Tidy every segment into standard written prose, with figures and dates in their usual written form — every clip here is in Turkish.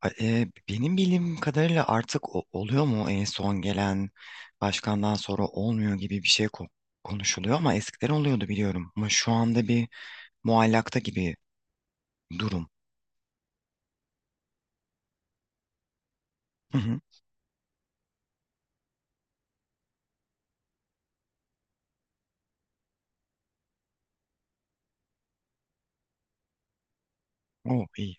Benim bildiğim kadarıyla artık oluyor mu? En son gelen başkandan sonra olmuyor gibi bir şey konuşuluyor, ama eskiden oluyordu biliyorum. Ama şu anda bir muallakta gibi durum. Hı hı. O iyi.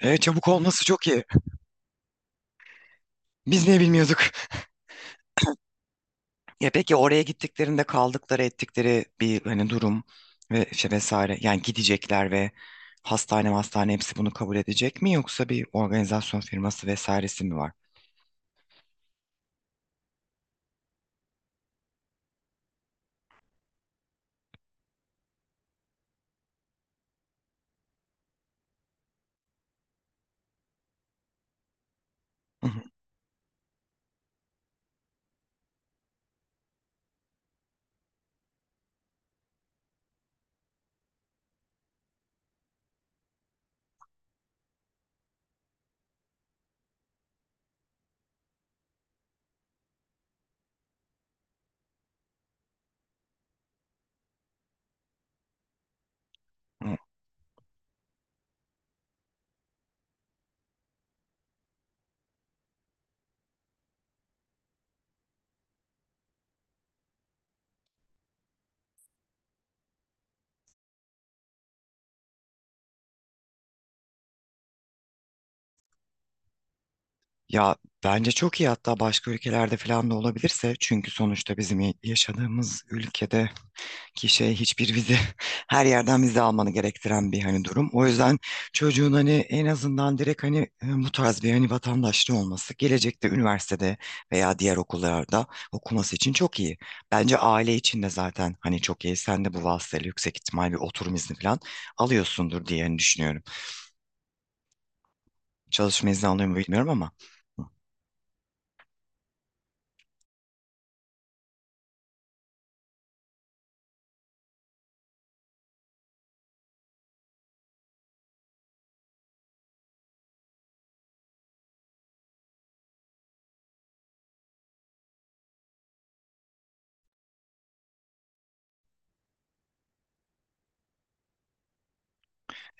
Çabuk olması çok iyi. Biz niye bilmiyorduk? Ya peki oraya gittiklerinde kaldıkları ettikleri bir hani durum ve şey vesaire, yani gidecekler ve hastane hastane hepsi bunu kabul edecek mi, yoksa bir organizasyon firması vesairesi mi var? Hı hı, hı. Ya bence çok iyi, hatta başka ülkelerde falan da olabilirse, çünkü sonuçta bizim yaşadığımız ülkede ki şey hiçbir vize her yerden vize almanı gerektiren bir hani durum. O yüzden çocuğun hani en azından direkt hani bu tarz bir hani vatandaşlığı olması gelecekte üniversitede veya diğer okullarda okuması için çok iyi. Bence aile için de zaten hani çok iyi. Sen de bu vasıtayla yüksek ihtimal bir oturum izni falan alıyorsundur diye hani düşünüyorum. Çalışma izni alıyor mu bilmiyorum ama.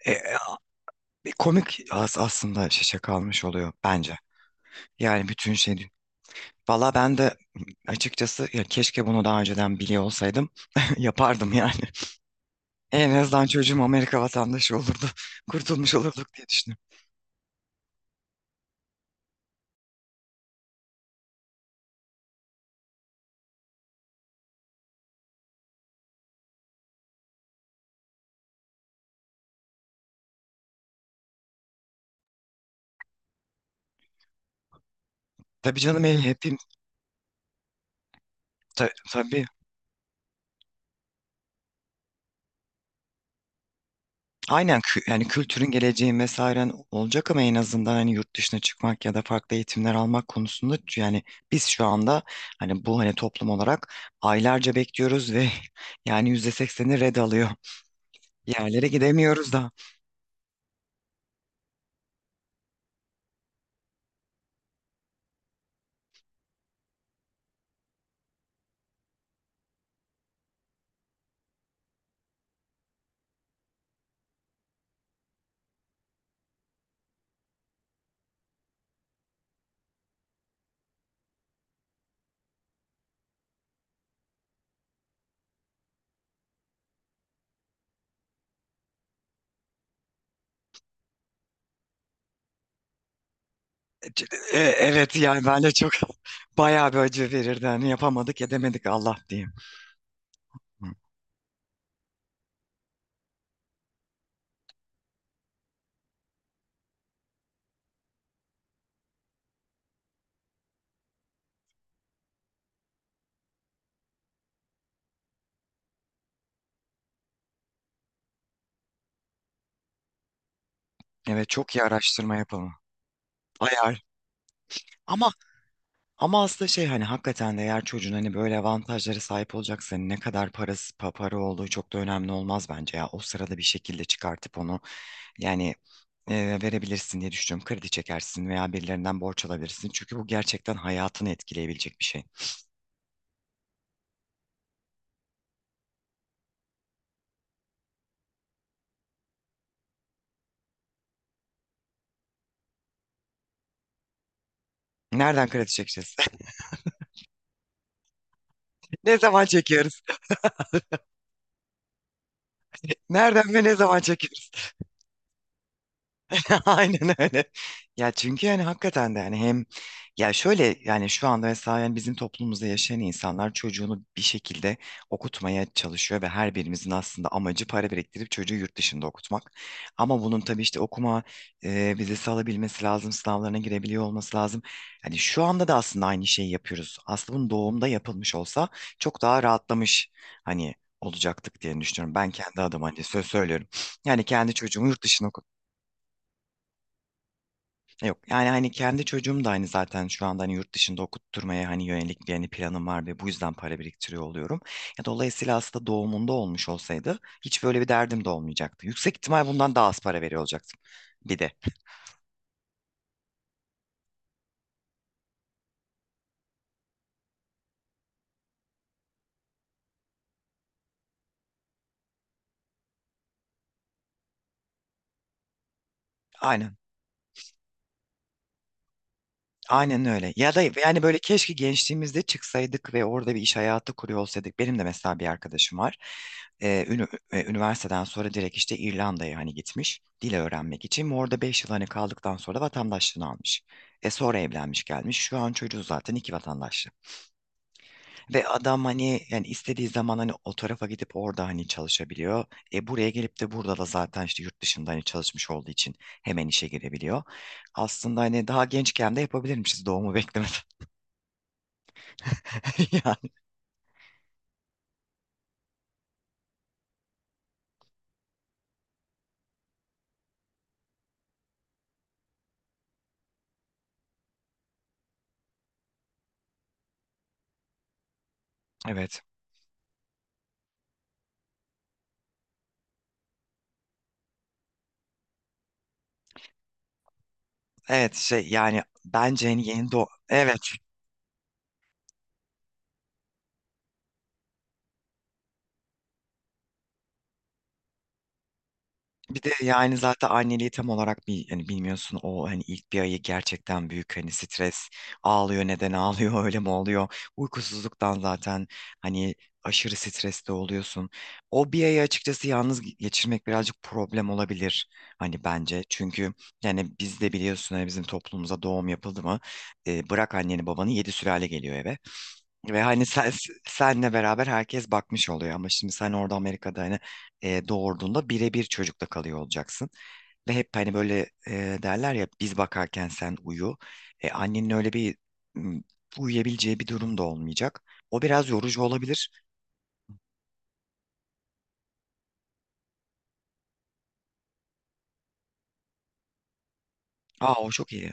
E, e, Bir komik aslında şaşa kalmış oluyor bence. Yani bütün şey. Valla ben de açıkçası ya keşke bunu daha önceden biliyor olsaydım yapardım yani. En azından çocuğum Amerika vatandaşı olurdu. Kurtulmuş olurduk diye düşünüyorum. Tabii canım el hepim tabii, aynen, yani kültürün, geleceğin, vesairen olacak ama en azından hani yurt dışına çıkmak ya da farklı eğitimler almak konusunda yani biz şu anda hani bu hani toplum olarak aylarca bekliyoruz ve yani %80'i red alıyor. Yerlere gidemiyoruz da. C- Evet, yani ben de çok bayağı bir acı verirdi. Hani yapamadık edemedik Allah diyeyim. Hı. Evet, çok iyi araştırma yapalım. Ayar. Ama ama aslında şey, hani hakikaten de eğer çocuğun hani böyle avantajlara sahip olacaksa hani ne kadar parası para olduğu çok da önemli olmaz bence ya. O sırada bir şekilde çıkartıp onu yani verebilirsin diye düşünüyorum. Kredi çekersin veya birilerinden borç alabilirsin. Çünkü bu gerçekten hayatını etkileyebilecek bir şey. Nereden kredi çekeceğiz? Ne zaman çekiyoruz? Nereden ve ne zaman çekiyoruz? Aynen öyle. Ya çünkü yani hakikaten de yani hem ya şöyle, yani şu anda mesela yani bizim toplumumuzda yaşayan insanlar çocuğunu bir şekilde okutmaya çalışıyor ve her birimizin aslında amacı para biriktirip çocuğu yurt dışında okutmak. Ama bunun tabii işte okuma vizesi alabilmesi lazım, sınavlarına girebiliyor olması lazım. Hani şu anda da aslında aynı şeyi yapıyoruz. Aslında bunun doğumda yapılmış olsa çok daha rahatlamış hani olacaktık diye düşünüyorum. Ben kendi adıma hani söz söylüyorum. Yani kendi çocuğumu yurt dışına. Yok yani hani kendi çocuğum da hani zaten şu anda hani yurt dışında okutturmaya hani yönelik bir hani planım var ve bu yüzden para biriktiriyor oluyorum. Ya dolayısıyla aslında doğumunda olmuş olsaydı hiç böyle bir derdim de olmayacaktı. Yüksek ihtimal bundan daha az para veriyor olacaktım bir de. Aynen. Aynen öyle. Ya da yani böyle keşke gençliğimizde çıksaydık ve orada bir iş hayatı kuruyor olsaydık. Benim de mesela bir arkadaşım var. Üniversiteden sonra direkt işte İrlanda'ya hani gitmiş dil öğrenmek için. Ve orada 5 yıl hani kaldıktan sonra vatandaşlığını almış. E sonra evlenmiş gelmiş. Şu an çocuğu zaten iki vatandaşlı. Ve adam hani yani istediği zaman hani o tarafa gidip orada hani çalışabiliyor. E buraya gelip de burada da zaten işte yurt dışında hani çalışmış olduğu için hemen işe girebiliyor. Aslında hani daha gençken de yapabilirmişiz doğumu beklemeden. Yani, evet. Evet şey yani bence hani yeni doğ evet bir de yani zaten anneliği tam olarak bir hani bilmiyorsun, o hani ilk bir ayı gerçekten büyük hani stres, ağlıyor, neden ağlıyor öyle mi oluyor, uykusuzluktan zaten hani aşırı streste oluyorsun. O bir ayı açıkçası yalnız geçirmek birazcık problem olabilir hani bence çünkü yani biz de biliyorsun hani bizim toplumumuza doğum yapıldı mı bırak anneni babanı, yedi sülale geliyor eve. Ve hani sen, senle beraber herkes bakmış oluyor, ama şimdi sen orada Amerika'da hani doğurduğunda birebir çocukla kalıyor olacaksın. Ve hep hani böyle derler ya biz bakarken sen uyu. Annenin öyle bir m, uyuyabileceği bir durum da olmayacak. O biraz yorucu olabilir. Aa, o çok iyi.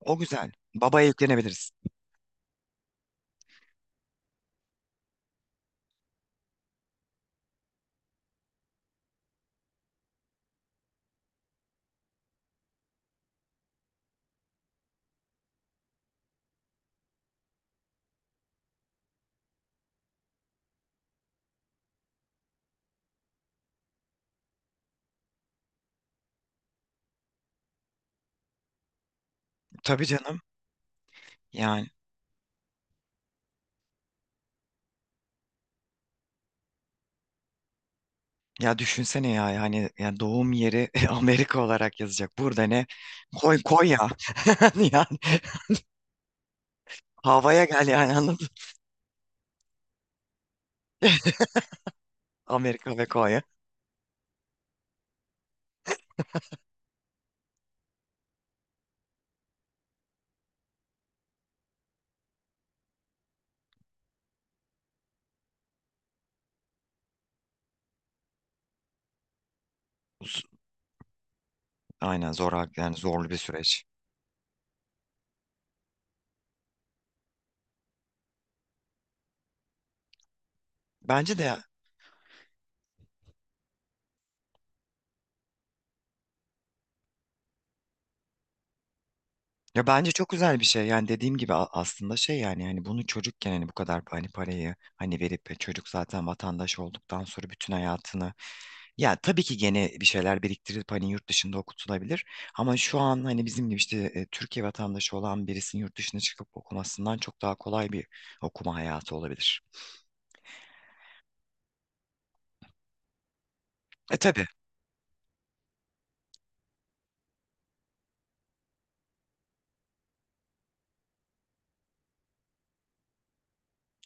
O güzel. Babaya yüklenebiliriz. Tabii canım. Yani ya düşünsene ya, yani ya doğum yeri Amerika olarak yazacak. Burada ne? Koy koy ya. Yani havaya gel yani anladın. Amerika ve Konya. Z- Aynen, zor yani, zorlu bir süreç. Bence de ya, ya bence çok güzel bir şey. Yani dediğim gibi aslında şey yani hani bunu çocukken hani bu kadar hani parayı hani verip çocuk zaten vatandaş olduktan sonra bütün hayatını ya tabii ki gene bir şeyler biriktirip hani yurt dışında okutulabilir, ama şu an hani bizim gibi işte Türkiye vatandaşı olan birisinin yurt dışına çıkıp okumasından çok daha kolay bir okuma hayatı olabilir. E tabii,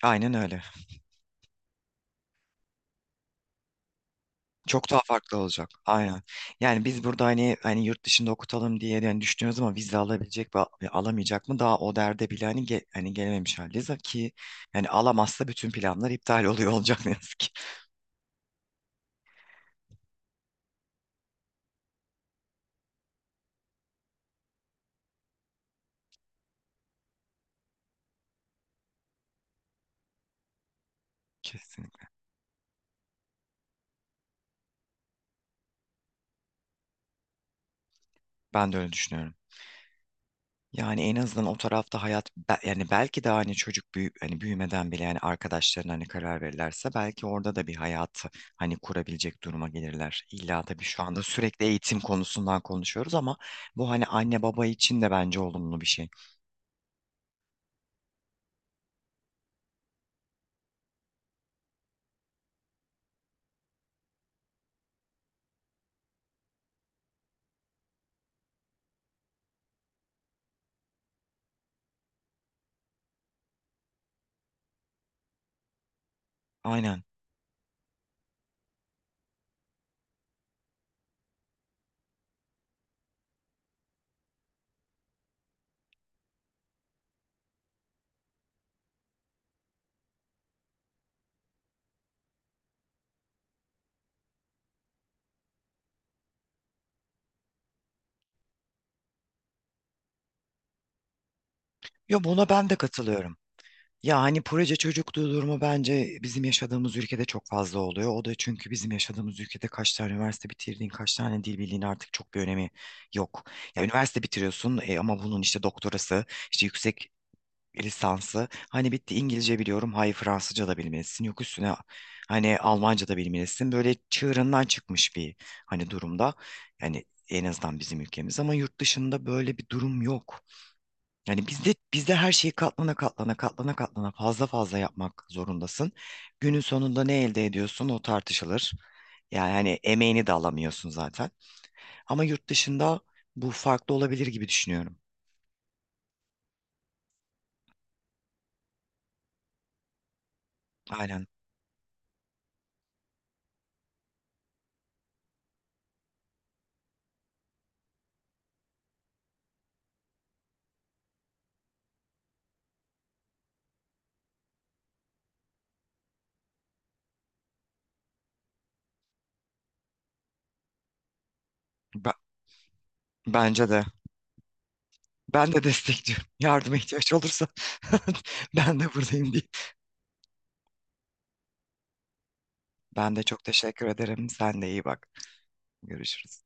aynen öyle. Çok daha farklı olacak. Aynen. Yani biz burada hani hani yurt dışında okutalım diye yani düşünüyoruz, ama vize alabilecek mi, alamayacak mı, daha o derde bile hani hani gelememiş haldeyiz ki yani alamazsa bütün planlar iptal oluyor olacak, ne yazık ki. Kesinlikle. Ben de öyle düşünüyorum. Yani en azından o tarafta hayat yani belki de hani çocuk büyü hani büyümeden bile yani arkadaşlarına hani karar verirlerse belki orada da bir hayat hani kurabilecek duruma gelirler. İlla tabii şu anda sürekli eğitim konusundan konuşuyoruz, ama bu hani anne baba için de bence olumlu bir şey. Aynen. Ya buna ben de katılıyorum. Ya hani proje çocukluğu durumu bence bizim yaşadığımız ülkede çok fazla oluyor. O da çünkü bizim yaşadığımız ülkede kaç tane üniversite bitirdiğin, kaç tane dil bildiğin artık çok bir önemi yok. Ya üniversite bitiriyorsun, ama bunun işte doktorası, işte yüksek lisansı. Hani bitti, İngilizce biliyorum, hayır Fransızca da bilmelisin. Yok üstüne hani Almanca da bilmelisin. Böyle çığırından çıkmış bir hani durumda. Yani en azından bizim ülkemiz, ama yurt dışında böyle bir durum yok. Yani bizde bizde her şeyi katlana katlana katlana katlana fazla fazla yapmak zorundasın. Günün sonunda ne elde ediyorsun o tartışılır. Yani hani emeğini de alamıyorsun zaten. Ama yurt dışında bu farklı olabilir gibi düşünüyorum. Aynen. Be- Bence de. Ben de destekliyorum. Yardıma ihtiyaç olursa ben de buradayım diye. Ben de çok teşekkür ederim. Sen de iyi bak. Görüşürüz.